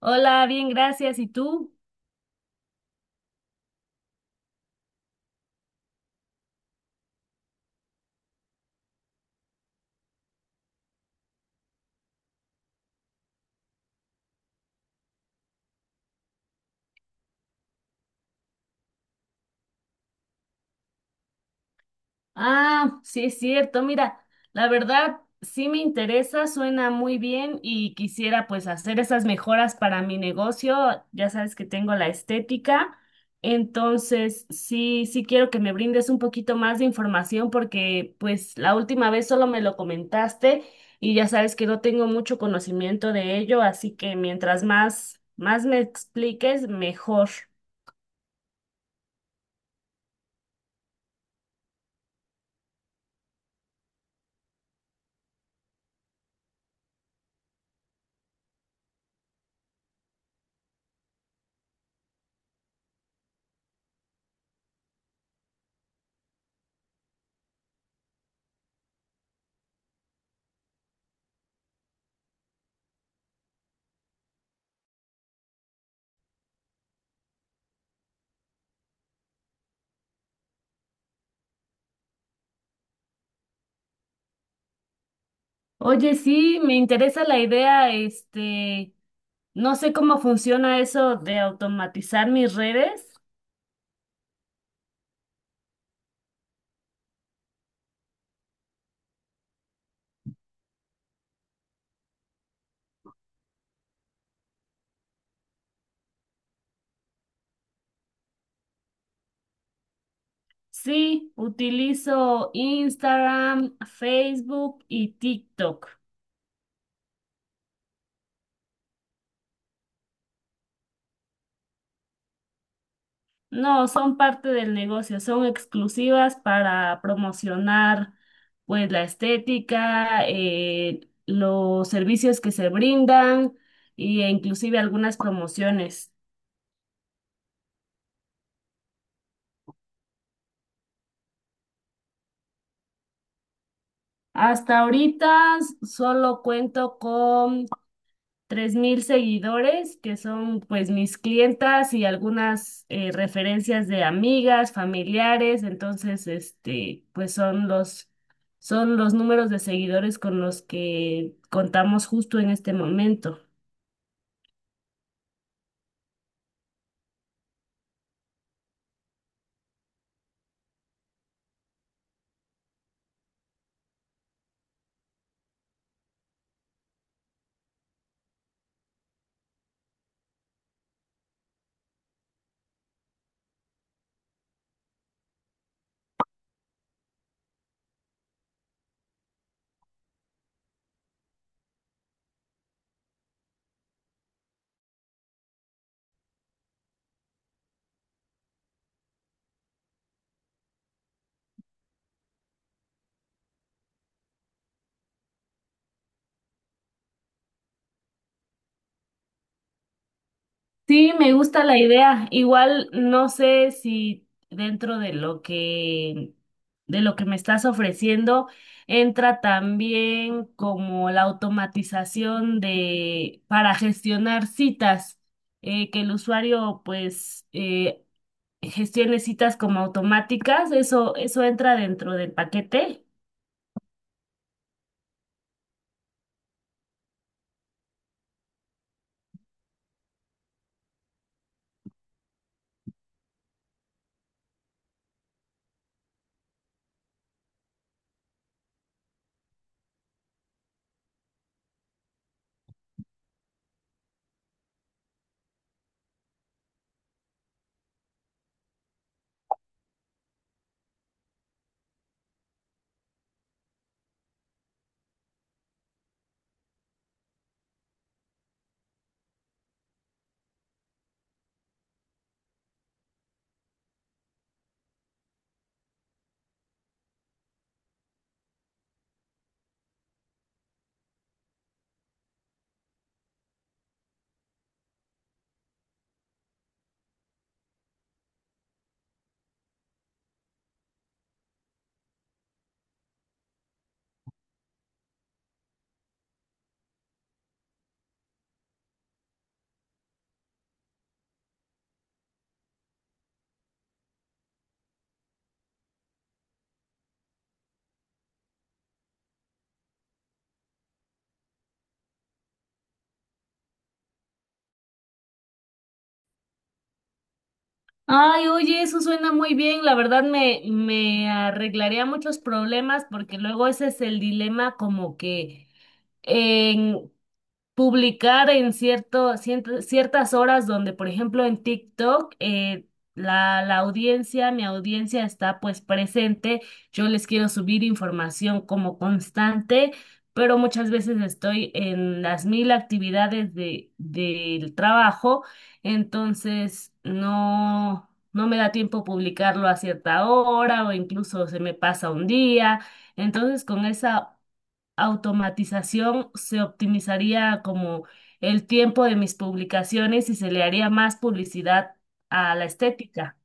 Hola, bien, gracias. ¿Y tú? Ah, sí es cierto. Mira, la verdad sí me interesa, suena muy bien y quisiera pues hacer esas mejoras para mi negocio. Ya sabes que tengo la estética, entonces sí, sí quiero que me brindes un poquito más de información porque pues la última vez solo me lo comentaste y ya sabes que no tengo mucho conocimiento de ello, así que mientras más, más me expliques, mejor. Oye, sí, me interesa la idea, este, no sé cómo funciona eso de automatizar mis redes. Sí, utilizo Instagram, Facebook y TikTok. No, son parte del negocio, son exclusivas para promocionar, pues, la estética, los servicios que se brindan e inclusive algunas promociones. Hasta ahorita solo cuento con 3.000 seguidores, que son pues mis clientas y algunas referencias de amigas, familiares, entonces este, pues son los números de seguidores con los que contamos justo en este momento. Sí, me gusta la idea. Igual no sé si dentro de lo que me estás ofreciendo entra también como la automatización de para gestionar citas, que el usuario pues gestione citas como automáticas. Eso entra dentro del paquete. Ay, oye, eso suena muy bien. La verdad me arreglaría muchos problemas porque luego ese es el dilema como que en publicar en ciertas horas donde, por ejemplo, en TikTok, la audiencia, mi audiencia está pues presente, yo les quiero subir información como constante, pero muchas veces estoy en las mil actividades de, del trabajo, entonces no... No me da tiempo publicarlo a cierta hora o incluso se me pasa un día. Entonces, con esa automatización se optimizaría como el tiempo de mis publicaciones y se le haría más publicidad a la estética.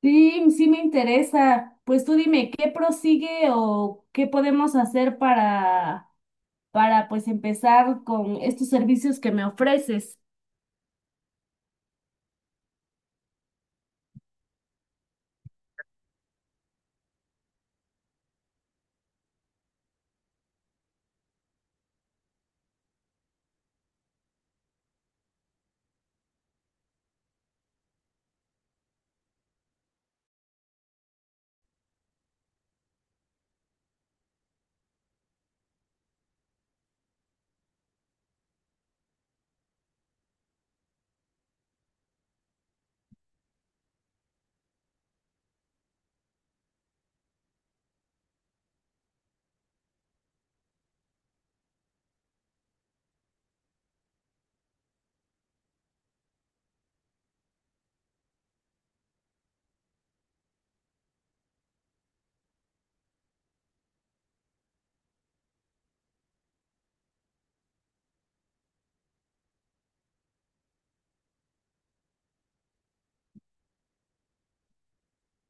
Sí, sí me interesa. Pues tú dime, ¿qué prosigue o qué podemos hacer para pues empezar con estos servicios que me ofreces?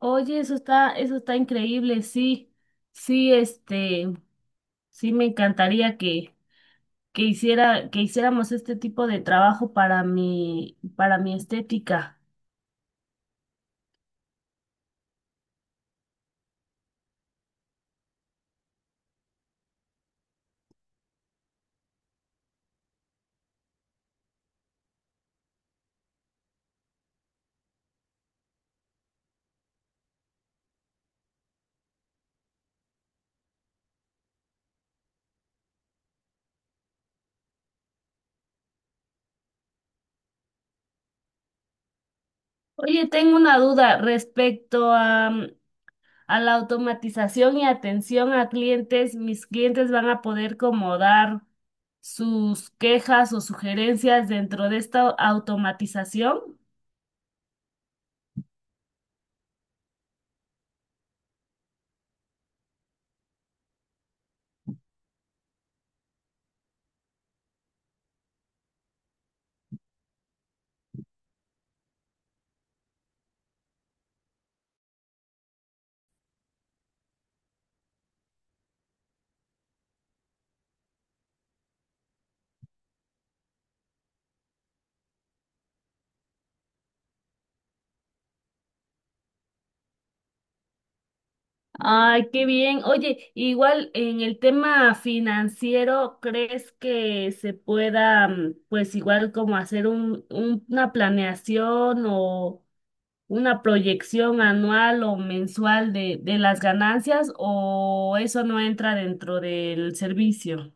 Oye, eso está increíble, sí, sí, este, sí me encantaría que hiciéramos este tipo de trabajo para para mi estética. Oye, tengo una duda respecto a, a la automatización y atención a clientes. ¿Mis clientes van a poder como dar sus quejas o sugerencias dentro de esta automatización? Ay, qué bien. Oye, igual en el tema financiero, ¿crees que se pueda, pues igual como hacer una planeación o una proyección anual o mensual de las ganancias o eso no entra dentro del servicio?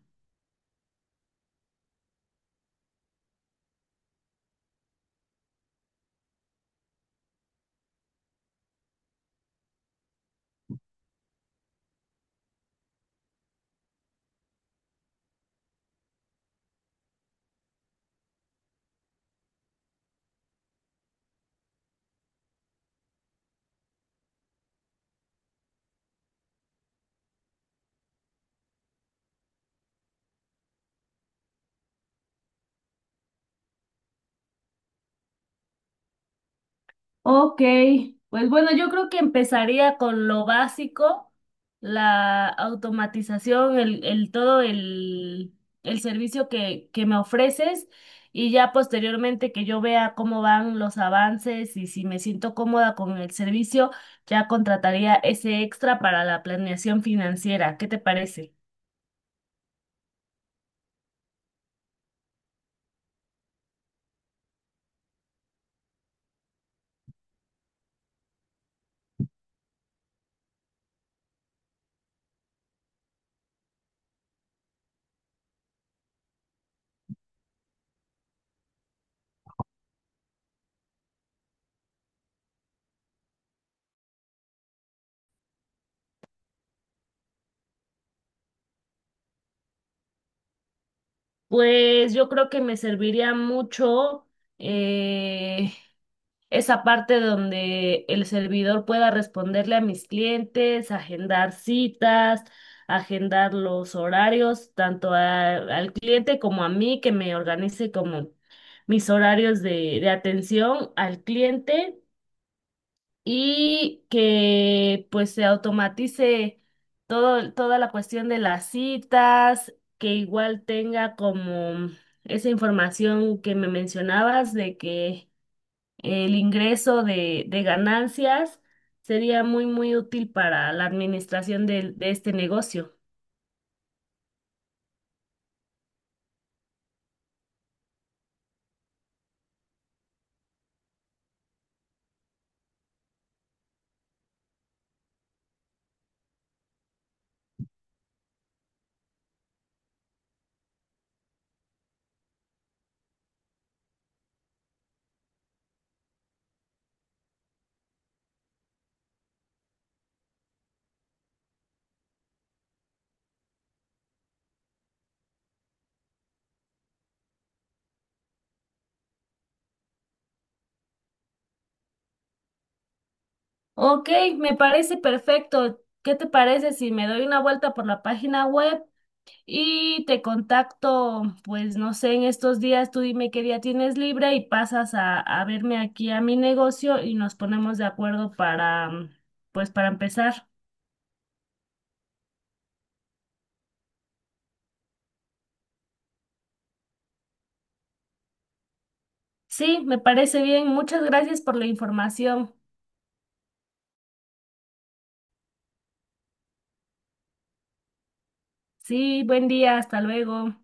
Ok, pues bueno, yo creo que empezaría con lo básico, la automatización, el servicio que me ofreces y ya posteriormente que yo vea cómo van los avances y si me siento cómoda con el servicio, ya contrataría ese extra para la planeación financiera. ¿Qué te parece? Pues yo creo que me serviría mucho eh, esa parte donde el servidor pueda responderle a mis clientes, agendar citas, agendar los horarios, tanto al cliente como a mí, que me organice como mis horarios de atención al cliente y que pues se automatice todo, toda la cuestión de las citas, que igual tenga como esa información que me mencionabas de que el ingreso de ganancias sería muy, muy útil para la administración de este negocio. Ok, me parece perfecto. ¿Qué te parece si me doy una vuelta por la página web y te contacto? Pues no sé, en estos días tú dime qué día tienes libre y pasas a verme aquí a mi negocio y nos ponemos de acuerdo para, pues para empezar. Sí, me parece bien. Muchas gracias por la información. Sí, buen día, hasta luego.